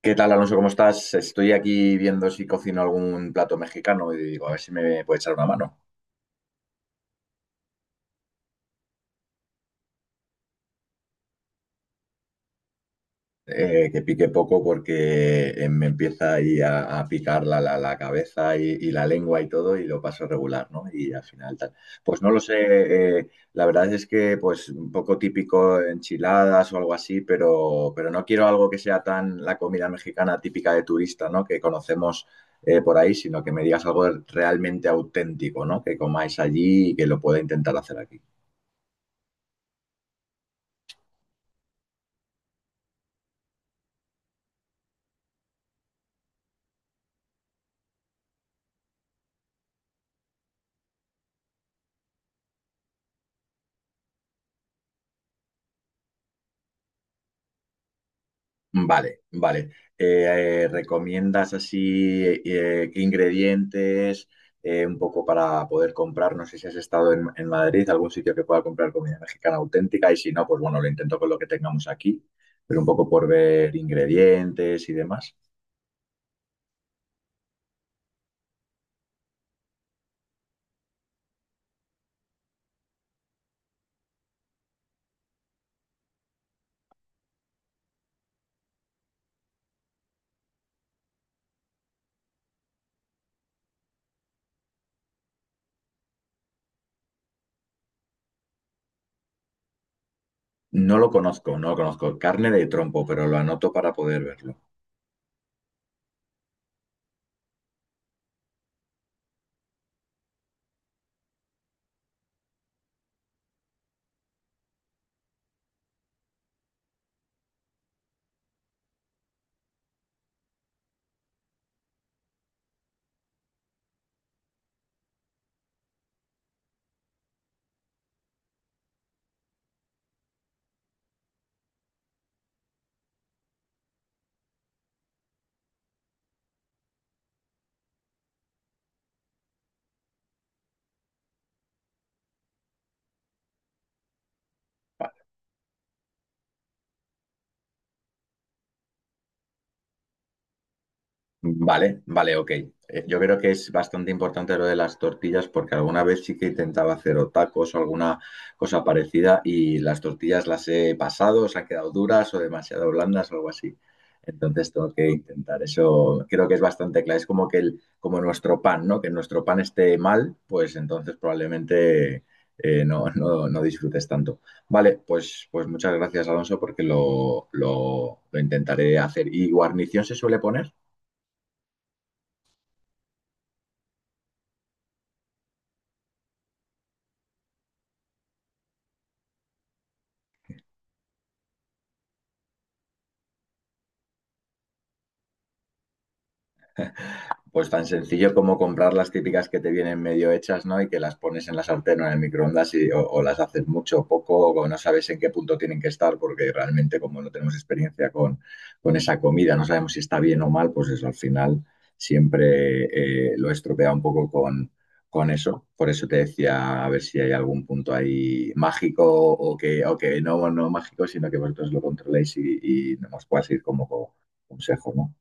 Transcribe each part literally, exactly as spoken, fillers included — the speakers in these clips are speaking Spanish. ¿Qué tal, Alonso? ¿Cómo estás? Estoy aquí viendo si cocino algún plato mexicano y digo, a ver si me puede echar una mano. Eh, que pique poco porque eh, me empieza ahí a, a picar la, la- la cabeza y, y la lengua y todo y lo paso regular, ¿no? Y al final tal. Pues no lo sé, eh, la verdad es que pues un poco típico enchiladas o algo así, pero, pero no quiero algo que sea tan la comida mexicana típica de turista, ¿no? Que conocemos eh, por ahí, sino que me digas algo realmente auténtico, ¿no? Que comáis allí y que lo pueda intentar hacer aquí. Vale, vale. Eh, eh, ¿recomiendas así eh, qué ingredientes eh, un poco para poder comprar? No sé si has estado en, en Madrid, algún sitio que pueda comprar comida mexicana auténtica y si no, pues bueno, lo intento con lo que tengamos aquí, pero un poco por ver ingredientes y demás. No lo conozco, no lo conozco. Carne de trompo, pero lo anoto para poder verlo. Vale, vale, ok. Eh, Yo creo que es bastante importante lo de las tortillas porque alguna vez sí que intentaba hacer o tacos o alguna cosa parecida y las tortillas las he pasado, se han quedado duras o demasiado blandas o algo así. Entonces tengo que intentar eso. Creo que es bastante claro. Es como que el, como nuestro pan, ¿no? Que nuestro pan esté mal, pues entonces probablemente eh, no, no, no disfrutes tanto. Vale, pues, pues muchas gracias, Alonso, porque lo, lo, lo intentaré hacer. ¿Y guarnición se suele poner? Pues tan sencillo como comprar las típicas que te vienen medio hechas, ¿no? Y que las pones en la sartén o en el microondas y, o, o las haces mucho o poco, o no sabes en qué punto tienen que estar, porque realmente como no tenemos experiencia con, con esa comida, no sabemos si está bien o mal, pues eso al final siempre eh, lo estropea un poco con, con eso. Por eso te decía a ver si hay algún punto ahí mágico o que, o que no, no mágico, sino que vosotros lo controléis y, y nos puedas ir como co- consejo, ¿no?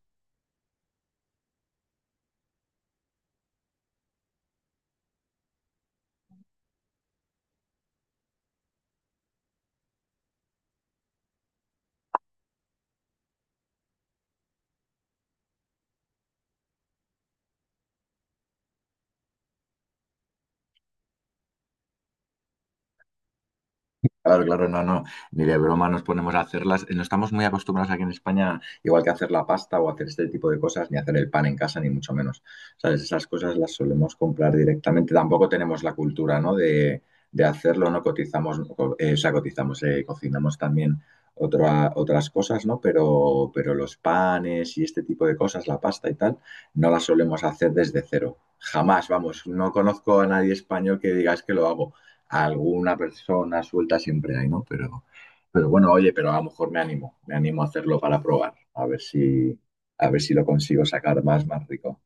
Claro, claro, no, no, ni de broma nos ponemos a hacerlas. No estamos muy acostumbrados aquí en España, igual que hacer la pasta o hacer este tipo de cosas, ni hacer el pan en casa, ni mucho menos. ¿Sabes? Esas cosas las solemos comprar directamente. Tampoco tenemos la cultura, ¿no? De, de hacerlo, ¿no? Cotizamos, co- eh, o sea, cotizamos, eh, cocinamos también otra- otras cosas, ¿no? Pero, pero los panes y este tipo de cosas, la pasta y tal, no las solemos hacer desde cero. Jamás, vamos, no conozco a nadie español que diga es que lo hago alguna persona suelta siempre hay, ¿no? Pero, pero bueno, oye, pero a lo mejor me animo, me animo a hacerlo para probar, a ver si, a ver si lo consigo sacar más, más rico.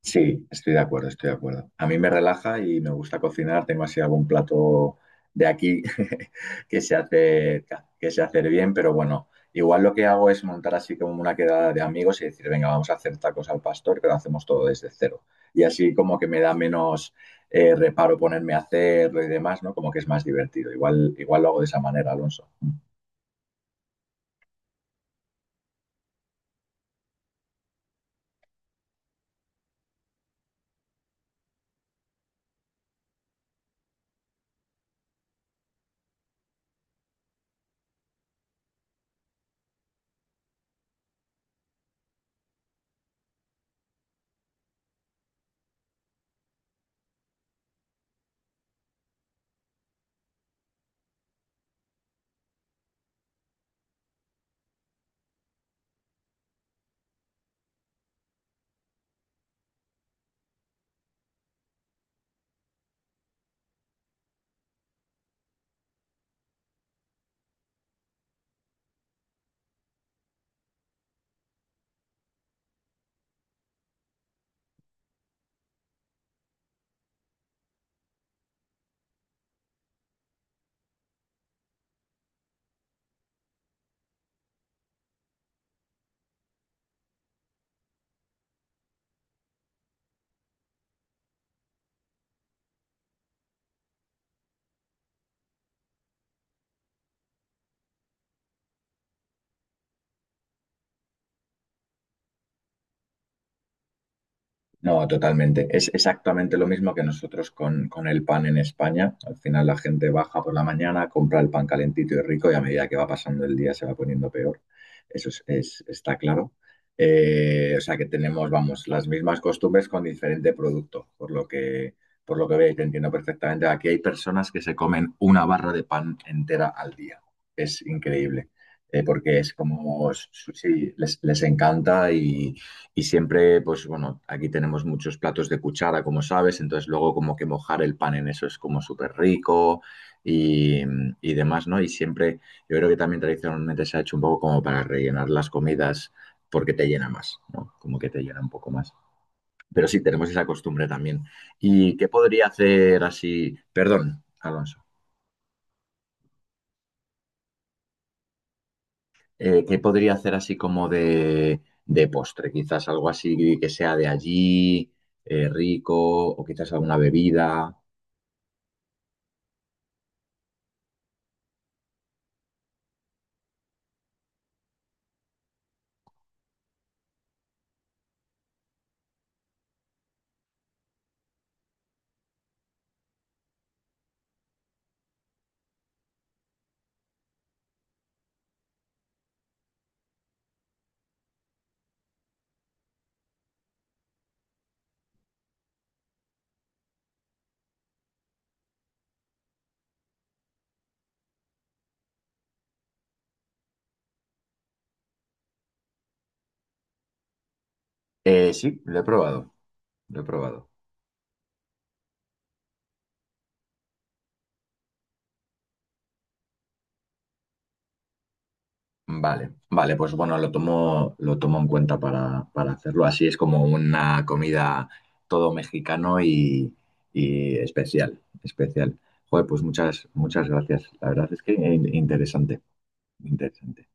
Sí, estoy de acuerdo, estoy de acuerdo. A mí me relaja y me gusta cocinar. Tengo así algún plato de aquí que se hace, que se hace bien, pero bueno, igual lo que hago es montar así como una quedada de amigos y decir, venga, vamos a hacer tacos al pastor, pero hacemos todo desde cero. Y así como que me da menos eh, reparo ponerme a hacerlo y demás, ¿no? Como que es más divertido. Igual, igual lo hago de esa manera, Alonso. No, totalmente. Es exactamente lo mismo que nosotros con, con el pan en España. Al final la gente baja por la mañana, compra el pan calentito y rico y a medida que va pasando el día se va poniendo peor. Eso es, es- está claro. Eh, o sea que tenemos, vamos, las mismas costumbres con diferente producto, por lo que, por lo que veis, te entiendo perfectamente. Aquí hay personas que se comen una barra de pan entera al día. Es increíble. Eh, porque es como, sí, les, les encanta y... Y siempre, pues bueno, aquí tenemos muchos platos de cuchara, como sabes, entonces luego como que mojar el pan en eso es como súper rico y, y demás, ¿no? Y siempre, yo creo que también tradicionalmente se ha hecho un poco como para rellenar las comidas porque te llena más, ¿no? Como que te llena un poco más. Pero sí, tenemos esa costumbre también. ¿Y qué podría hacer así? Perdón, Alonso. Eh, ¿qué podría hacer así como de, de postre? Quizás algo así que sea de allí, eh, rico, o quizás alguna bebida. Eh, sí, lo he probado, lo he probado. Vale, vale, pues bueno, lo tomo, lo tomo en cuenta para, para hacerlo. Así es como una comida todo mexicano y, y especial, especial. Joder, pues muchas, muchas gracias. La verdad es que in- interesante, interesante.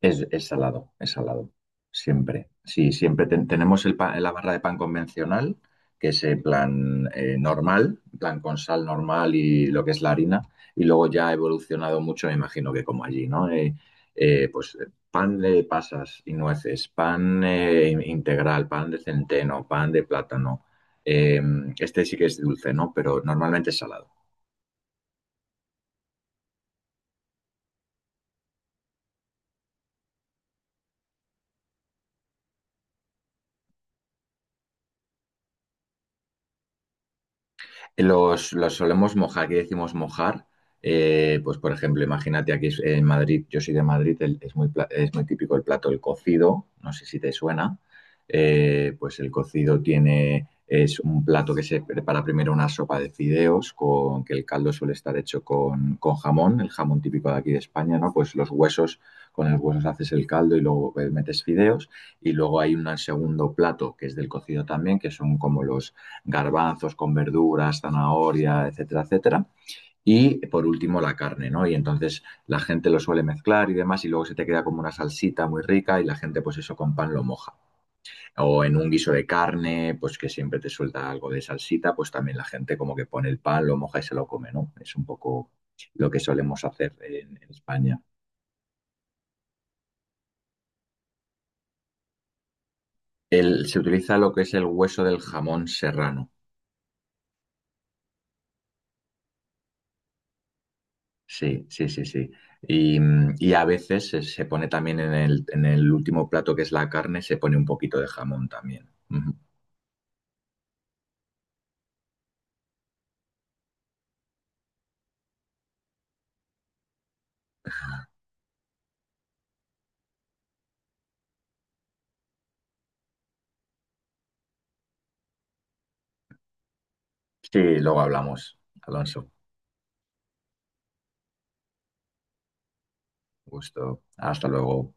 Es, es salado, es salado. Siempre. Sí, siempre ten- tenemos el pa- la barra de pan convencional, que es en plan eh, normal, en plan con sal normal y lo que es la harina. Y luego ya ha evolucionado mucho, me imagino que como allí, ¿no? Eh, eh, pues eh, pan de pasas y nueces, pan eh, integral, pan de centeno, pan de plátano. Eh, este sí que es dulce, ¿no? Pero normalmente es salado. Los, los solemos mojar, aquí decimos mojar. Eh, pues, por ejemplo, imagínate aquí es- en Madrid, yo soy de Madrid, el- es muy, pla- es muy típico el plato el cocido, no sé si te suena. Eh, pues el cocido tiene, es un plato que se prepara primero una sopa de fideos, con, que el caldo suele estar hecho con, con jamón, el jamón típico de aquí de España, ¿no? Pues los huesos, con los huesos haces el caldo y luego eh, metes fideos. Y luego hay un segundo plato que es del cocido también, que son como los garbanzos con verduras, zanahoria, etcétera, etcétera. Y por último la carne, ¿no? Y entonces la gente lo suele mezclar y demás y luego se te queda como una salsita muy rica y la gente pues eso con pan lo moja. O en un guiso de carne, pues que siempre te suelta algo de salsita, pues también la gente como que pone el pan, lo moja y se lo come, ¿no? Es un poco lo que solemos hacer en, en España. El- se utiliza lo que es el hueso del jamón serrano. Sí, sí, sí, sí. Y, mm, y a veces se, se pone también en el, en el último plato que es la carne, se pone un poquito de jamón también. Ujú. Sí, luego hablamos, Alonso. Gusto. Hasta luego.